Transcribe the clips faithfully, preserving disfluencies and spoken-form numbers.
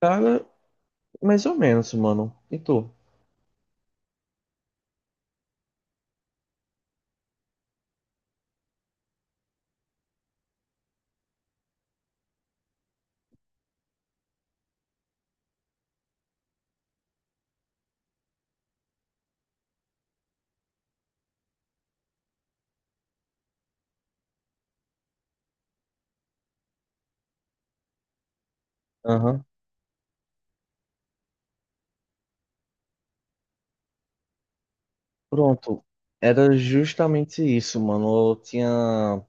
Cara, mais ou menos, mano. E tu? Aham. Pronto. Era justamente isso, mano. Eu tinha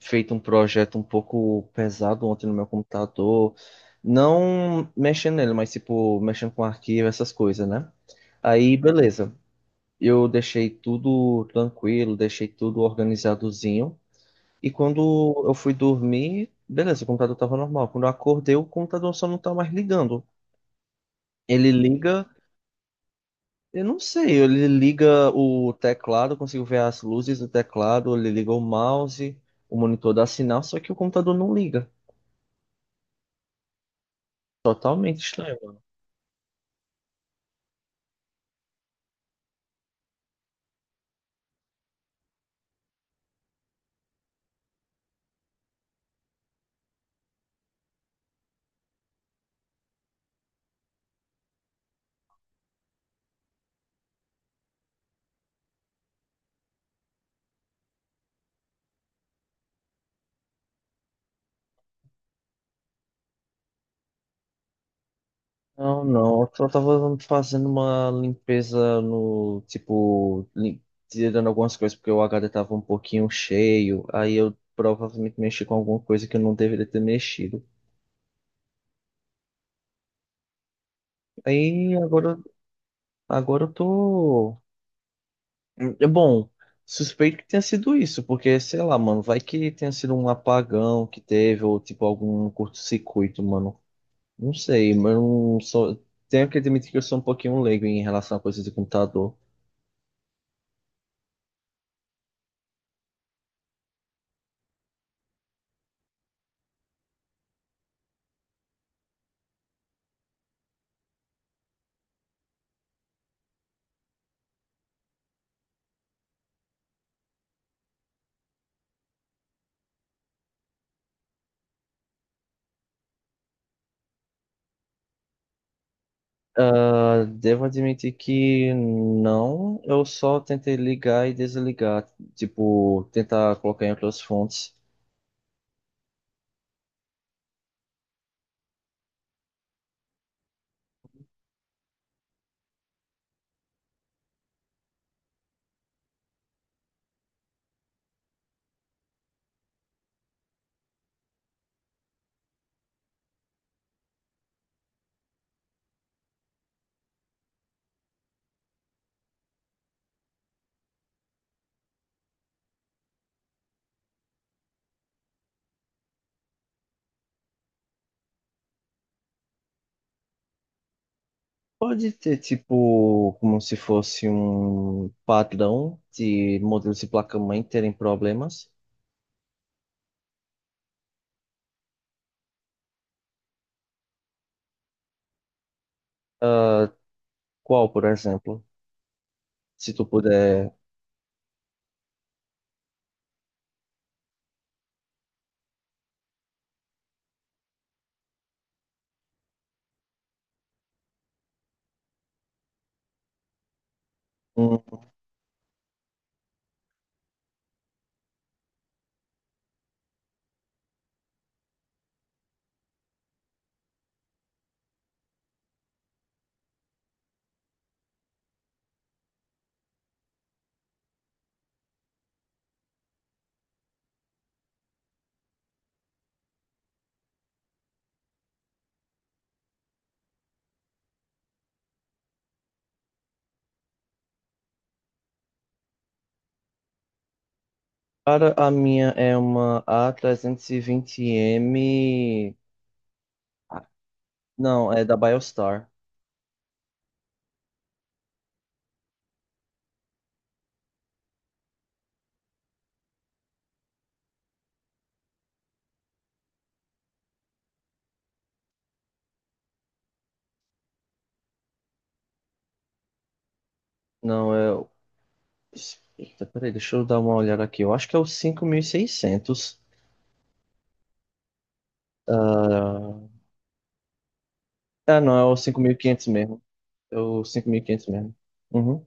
feito um projeto um pouco pesado ontem no meu computador. Não mexendo nele, mas tipo, mexendo com arquivo, essas coisas, né? Aí, beleza. Eu deixei tudo tranquilo, deixei tudo organizadozinho. E quando eu fui dormir, beleza, o computador tava normal. Quando eu acordei, o computador só não tá mais ligando. Ele liga. Eu não sei, ele liga o teclado, eu consigo ver as luzes do teclado, ele liga o mouse, o monitor dá sinal, só que o computador não liga. Totalmente estranho. Não, não, eu só tava fazendo uma limpeza no, tipo, lim- tirando algumas coisas porque o H D tava um pouquinho cheio, aí eu provavelmente mexi com alguma coisa que eu não deveria ter mexido. Aí agora, agora eu tô É bom, suspeito que tenha sido isso, porque, sei lá, mano, vai que tenha sido um apagão que teve, ou tipo algum curto-circuito, mano. Não sei, mas eu não sou. Tenho que admitir que eu sou um pouquinho leigo em relação a coisas de computador. Ah, devo admitir que não, eu só tentei ligar e desligar, tipo, tentar colocar em outras fontes. Pode ter, tipo, como se fosse um padrão de modelos de placa-mãe terem problemas. Qual, por exemplo? Se tu puder. Hum. Cara, a minha é uma A trezentos e vinte M. Ah. Não, é da Biostar. Não, é. O- Eita, peraí, deixa eu dar uma olhada aqui. Eu acho que é o cinco mil e seiscentos. Ah, ah, não, é o cinco mil e quinhentos mesmo. É o cinco mil e quinhentos mesmo. Uhum.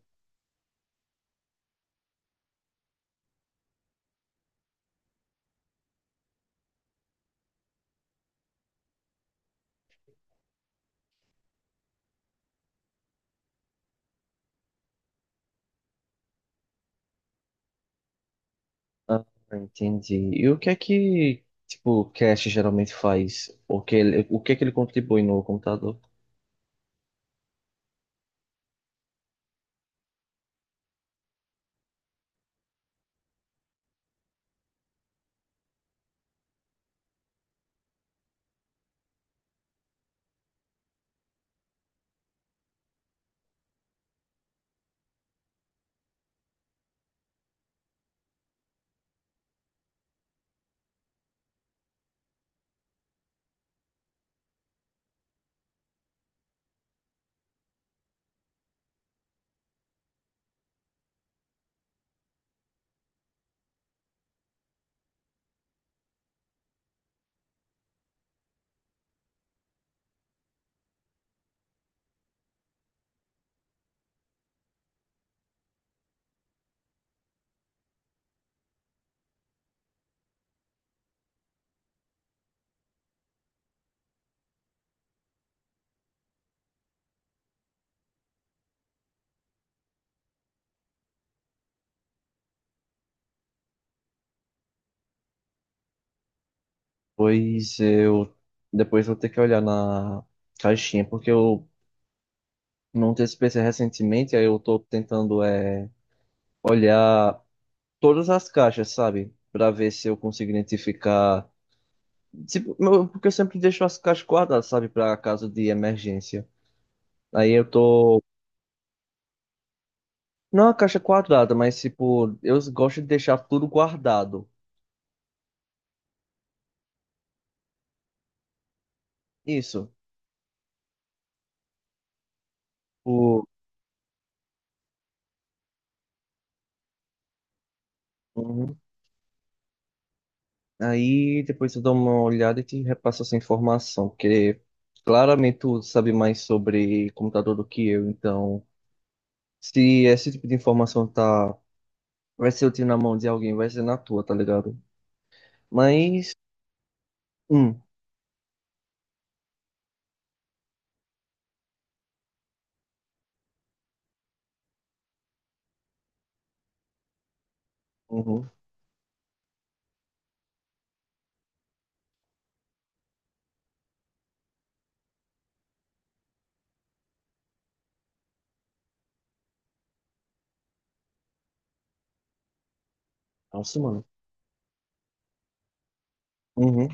Ah, entendi. E o que é que, tipo, o cache geralmente faz? O que ele, o que é que ele contribui no computador? Pois eu depois vou ter que olhar na caixinha, porque eu montei esse P C recentemente, aí eu tô tentando é, olhar todas as caixas, sabe? Pra ver se eu consigo identificar. Tipo, meu- porque eu sempre deixo as caixas quadradas, sabe? Pra caso de emergência. Aí eu tô. Não a caixa quadrada, mas tipo, eu gosto de deixar tudo guardado. Isso. O... Aí depois eu dou uma olhada e te repasso essa informação, porque claramente tu sabe mais sobre computador do que eu, então se esse tipo de informação tá, vai ser útil na mão de alguém, vai ser na tua, tá ligado? Mas, hum, uhum, nossa, mano, uhum,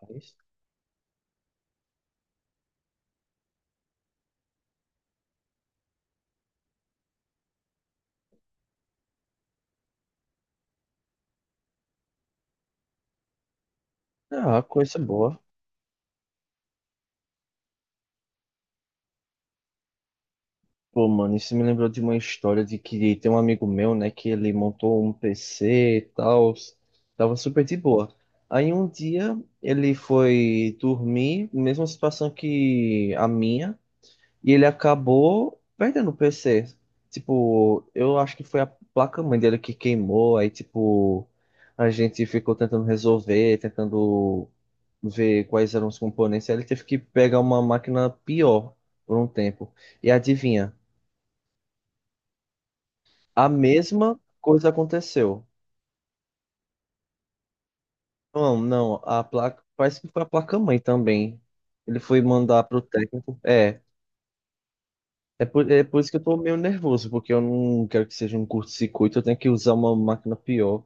mas, ah, coisa boa. Pô, mano, isso me lembrou de uma história de que tem um amigo meu, né, que ele montou um P C e tal, tava super de boa. Aí um dia ele foi dormir, mesma situação que a minha, e ele acabou perdendo o P C. Tipo, eu acho que foi a placa-mãe dele que queimou, aí tipo, a gente ficou tentando resolver, tentando ver quais eram os componentes, aí ele teve que pegar uma máquina pior por um tempo. E adivinha? A mesma coisa aconteceu. Não, não, a placa, parece que foi a placa-mãe também. Ele foi mandar pro técnico. É. É por, é por isso que eu tô meio nervoso, porque eu não quero que seja um curto-circuito, eu tenho que usar uma máquina pior.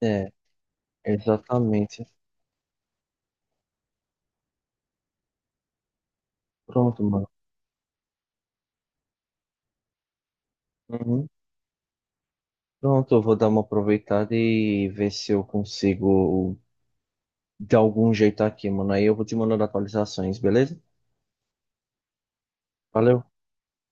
É, exatamente. Pronto, mano. Uhum. Pronto, eu vou dar uma aproveitada e ver se eu consigo de algum jeito aqui, mano. Aí eu vou te mandando atualizações, beleza? Valeu.